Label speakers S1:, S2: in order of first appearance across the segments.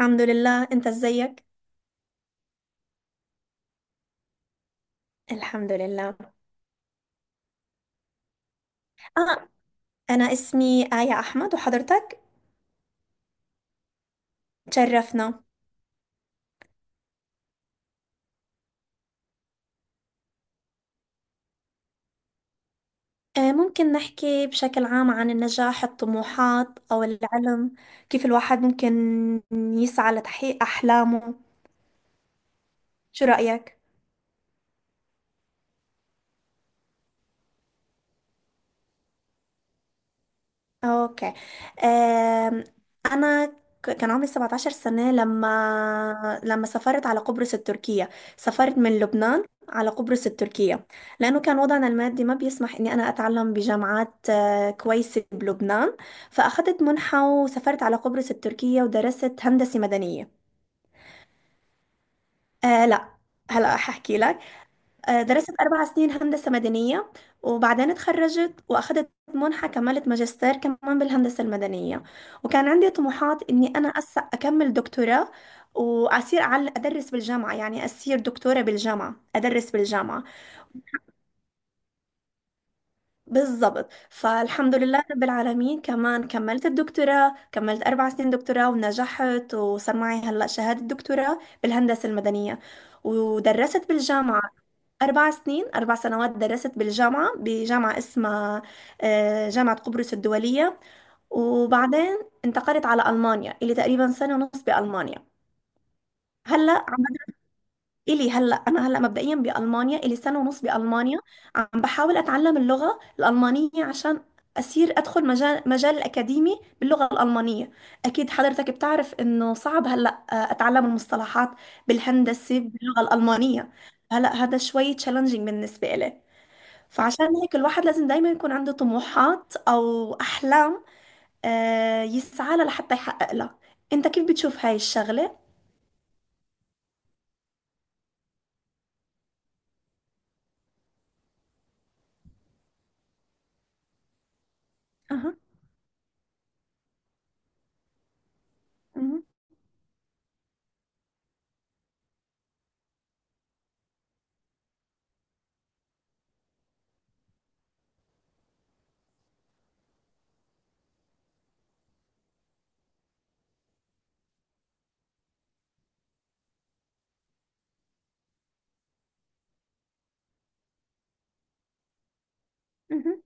S1: الحمد لله، انت ازيك؟ الحمد لله. اه. انا اسمي آية احمد، وحضرتك؟ تشرفنا. ممكن نحكي بشكل عام عن النجاح، الطموحات او العلم، كيف الواحد ممكن يسعى لتحقيق احلامه؟ شو رأيك؟ اوكي. أم، انا كان عمري 17 سنة لما سافرت على قبرص التركية. سافرت من لبنان على قبرص التركية لأنه كان وضعنا المادي ما بيسمح إني أنا أتعلم بجامعات كويسة بلبنان، فأخذت منحة وسافرت على قبرص التركية ودرست هندسة مدنية. أه، لا. هلا ححكي لك. درست أربع سنين هندسة مدنية، وبعدين اتخرجت وأخدت منحة، كملت ماجستير كمان بالهندسة المدنية، وكان عندي طموحات إني أنا أكمل دكتوراه، وأصير أدرس بالجامعة، يعني أصير دكتورة بالجامعة أدرس بالجامعة. بالضبط، فالحمد لله رب العالمين، كمان كملت الدكتوراه، كملت أربع سنين دكتوراه ونجحت، وصار معي هلأ شهادة دكتوراه بالهندسة المدنية. ودرست بالجامعة أربع سنين، أربع سنوات درست بالجامعة، بجامعة اسمها جامعة قبرص الدولية. وبعدين انتقلت على ألمانيا، إلي تقريبا سنة ونص بألمانيا. هلا عم بدأ، إلي هلا أنا هلا مبدئيا بألمانيا، إلي سنة ونص بألمانيا. عم بحاول أتعلم اللغة الألمانية عشان أصير أدخل مجال الأكاديمي باللغة الألمانية. أكيد حضرتك بتعرف إنه صعب هلا أتعلم المصطلحات بالهندسة باللغة الألمانية. هلا هذا شوي تشالنجينج بالنسبة إلي، فعشان هيك الواحد لازم دايما يكون عنده طموحات أو أحلام يسعى لها لحتى يحقق لها. أنت كيف بتشوف هاي الشغلة؟ أها. مهم. مهم.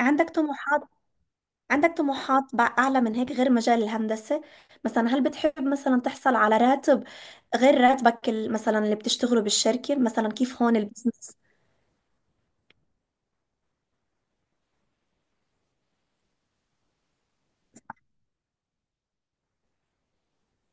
S1: عندك طموحات، عندك طموحات أعلى من هيك غير مجال الهندسة، مثلا هل بتحب مثلا تحصل على راتب غير مثلا اللي بتشتغله بالشركة، مثلا كيف هون البزنس؟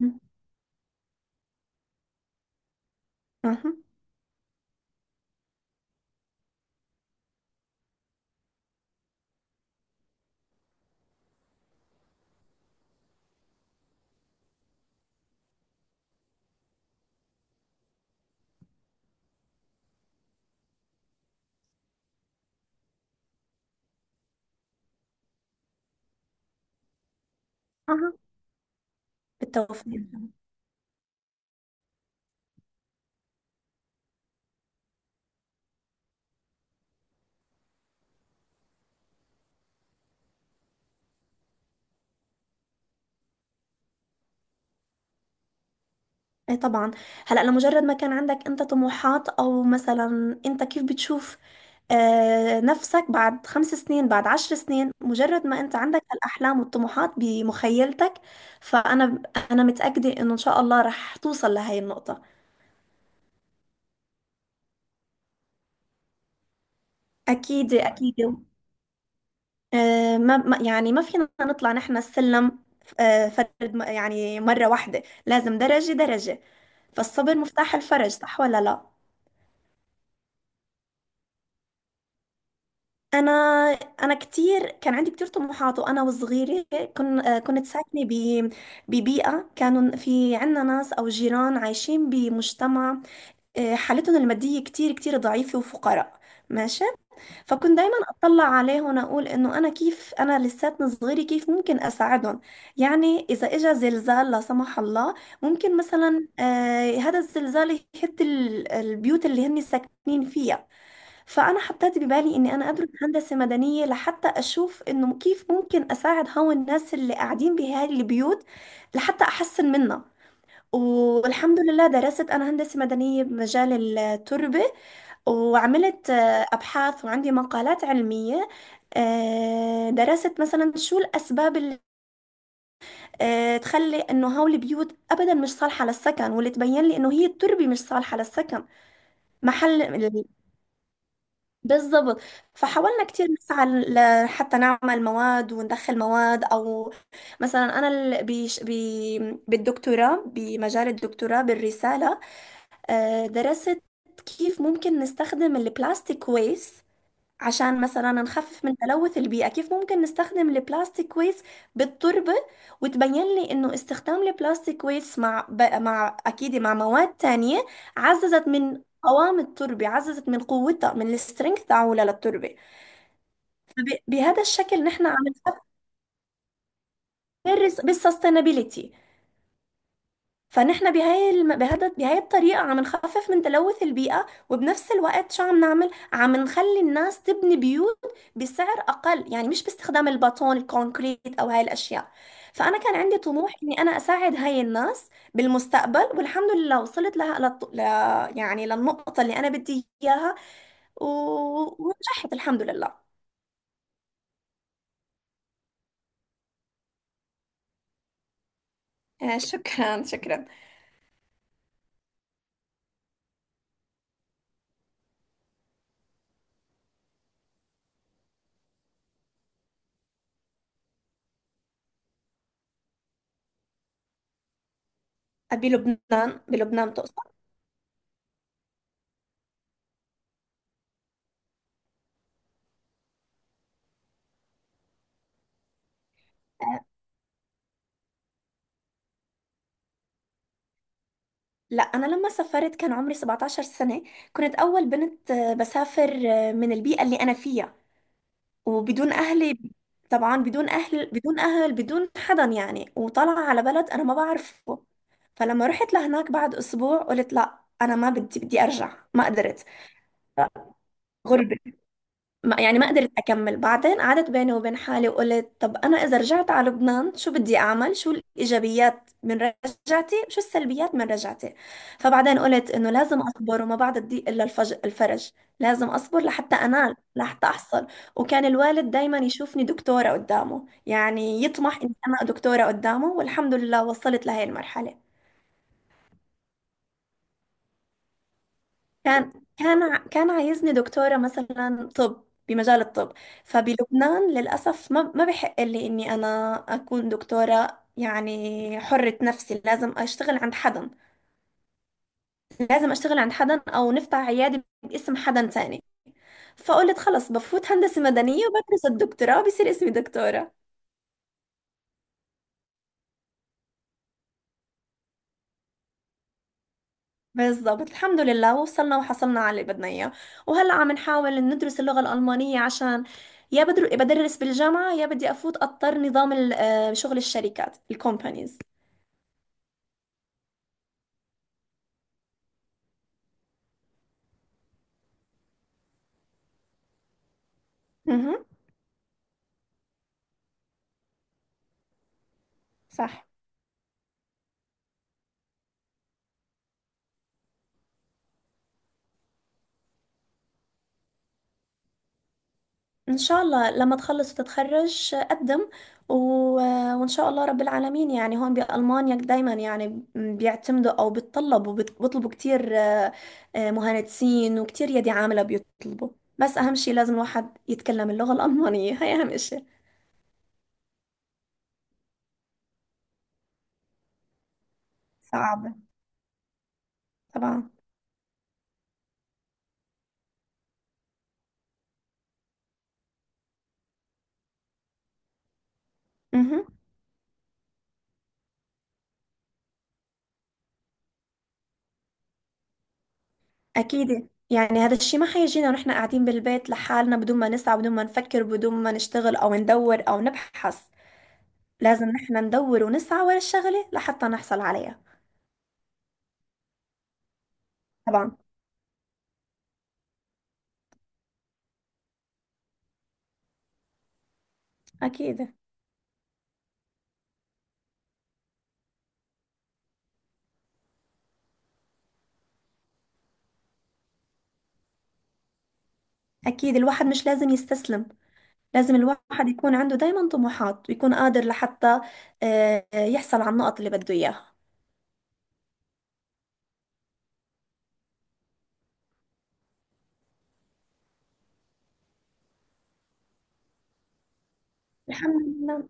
S1: مهم. أها. أها. بالتوفيق. اي طبعا. هلا لمجرد ما كان عندك انت طموحات، او مثلا انت كيف بتشوف آه نفسك بعد خمس سنين، بعد عشر سنين، مجرد ما انت عندك الاحلام والطموحات بمخيلتك، فانا انا متاكده انه ان شاء الله رح توصل لهي النقطه. اكيد، اكيد. آه، يعني ما فينا نطلع نحن السلم آه فرد، يعني مره واحده لازم درجه درجه. فالصبر مفتاح الفرج، صح ولا لا؟ انا انا كتير كان عندي كتير طموحات، وانا وصغيره كن كنت ساكنه ببيئه، كانوا في عنا ناس او جيران عايشين بمجتمع حالتهم الماديه كتير كتير ضعيفه وفقراء. ماشي. فكنت دايما اطلع عليهم، اقول انه انا كيف انا لساتني صغيره كيف ممكن اساعدهم، يعني اذا اجى زلزال لا سمح الله ممكن مثلا هذا الزلزال يهد البيوت اللي هن ساكنين فيها. فأنا حطيت ببالي إني أنا أدرس هندسة مدنية لحتى أشوف إنه كيف ممكن أساعد هون الناس اللي قاعدين بهاي البيوت، لحتى أحسن منها. والحمد لله درست أنا هندسة مدنية بمجال التربة، وعملت أبحاث وعندي مقالات علمية. درست مثلا شو الأسباب اللي تخلي إنه هول البيوت أبدا مش صالحة للسكن، واللي تبين لي إنه هي التربة مش صالحة للسكن محل. بالظبط. فحاولنا كتير نسعى حتى نعمل مواد وندخل مواد، او مثلا انا بيش بي بالدكتوراه، بمجال الدكتوراه بالرساله درست كيف ممكن نستخدم البلاستيك ويست عشان مثلا نخفف من تلوث البيئة، كيف ممكن نستخدم البلاستيك ويست بالتربة. وتبين لي انه استخدام البلاستيك ويست مع مع اكيد مع مواد تانية عززت من قوام التربة، عززت من قوتها، من السترينث تاعولها للتربة. بهذا الشكل نحن عم نفكر بالسستينابيليتي، فان احنا بهاي بهذا بهاي الطريقه عم نخفف من تلوث البيئه، وبنفس الوقت شو عم نعمل؟ عم نخلي الناس تبني بيوت بسعر اقل، يعني مش باستخدام البطون الكونكريت او هاي الاشياء. فانا كان عندي طموح اني انا اساعد هاي الناس بالمستقبل، والحمد لله وصلت لها يعني للنقطه اللي انا بدي اياها و... ونجحت الحمد لله. شكرا، شكرا. بلبنان؟ بلبنان تقصد؟ لا، انا لما سافرت كان عمري 17 سنة، كنت اول بنت بسافر من البيئة اللي انا فيها وبدون اهلي. طبعا بدون اهل، بدون اهل، بدون حدا، يعني وطالعة على بلد انا ما بعرفه. فلما رحت لهناك بعد اسبوع قلت لا انا ما بدي، بدي ارجع، ما قدرت. غربة. ما يعني ما قدرت أكمل، بعدين قعدت بيني وبين حالي وقلت طب أنا إذا رجعت على لبنان شو بدي أعمل، شو الإيجابيات من رجعتي، شو السلبيات من رجعتي. فبعدين قلت إنه لازم أصبر، وما بعد الضيق إلا الفرج، لازم أصبر لحتى أنال، لحتى أحصل. وكان الوالد دايما يشوفني دكتورة قدامه، يعني يطمح إني أنا دكتورة قدامه، والحمد لله وصلت لهي المرحلة. كان عايزني دكتورة مثلا طب، بمجال الطب. فبلبنان للأسف ما بحق لي إني أنا أكون دكتورة، يعني حرة نفسي، لازم أشتغل عند حدا، لازم أشتغل عند حدا أو نفتح عيادة باسم حدا تاني. فقلت خلص بفوت هندسة مدنية وبدرس الدكتوراه بصير اسمي دكتورة. بالضبط، الحمد لله وصلنا وحصلنا على اللي بدنا اياه. وهلا عم نحاول ندرس اللغة الألمانية عشان يا بدر بدرس بالجامعة، يا بدي أفوت أضطر نظام شغل الشركات الكومبانيز. اها. صح. إن شاء الله لما تخلص وتتخرج قدم و... وإن شاء الله رب العالمين، يعني هون بألمانيا دايما يعني بيعتمدوا أو بيتطلبوا بيطلبوا كتير مهندسين، وكتير يدي عاملة بيطلبوا. بس أهم شيء لازم الواحد يتكلم اللغة الألمانية، هي أهم إشي. صعب. طبعا. امم. اكيد، يعني هذا الشيء ما حيجينا ونحن قاعدين بالبيت لحالنا بدون ما نسعى، بدون ما نفكر، بدون ما نشتغل او ندور او نبحث. لازم نحن ندور ونسعى ورا الشغلة لحتى نحصل عليها. طبعا. اكيد، اكيد الواحد مش لازم يستسلم، لازم الواحد يكون عنده دايما طموحات ويكون قادر لحتى يحصل على النقط اللي بده اياها. الحمد لله.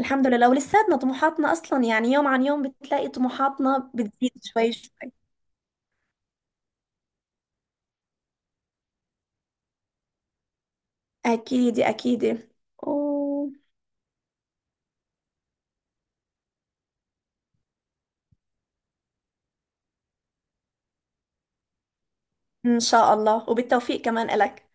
S1: الحمد لله ولساتنا طموحاتنا اصلا، يعني يوم عن يوم بتلاقي طموحاتنا بتزيد شوي شوي. أكيد، أكيد. إن شاء الله، وبالتوفيق كمان إلك.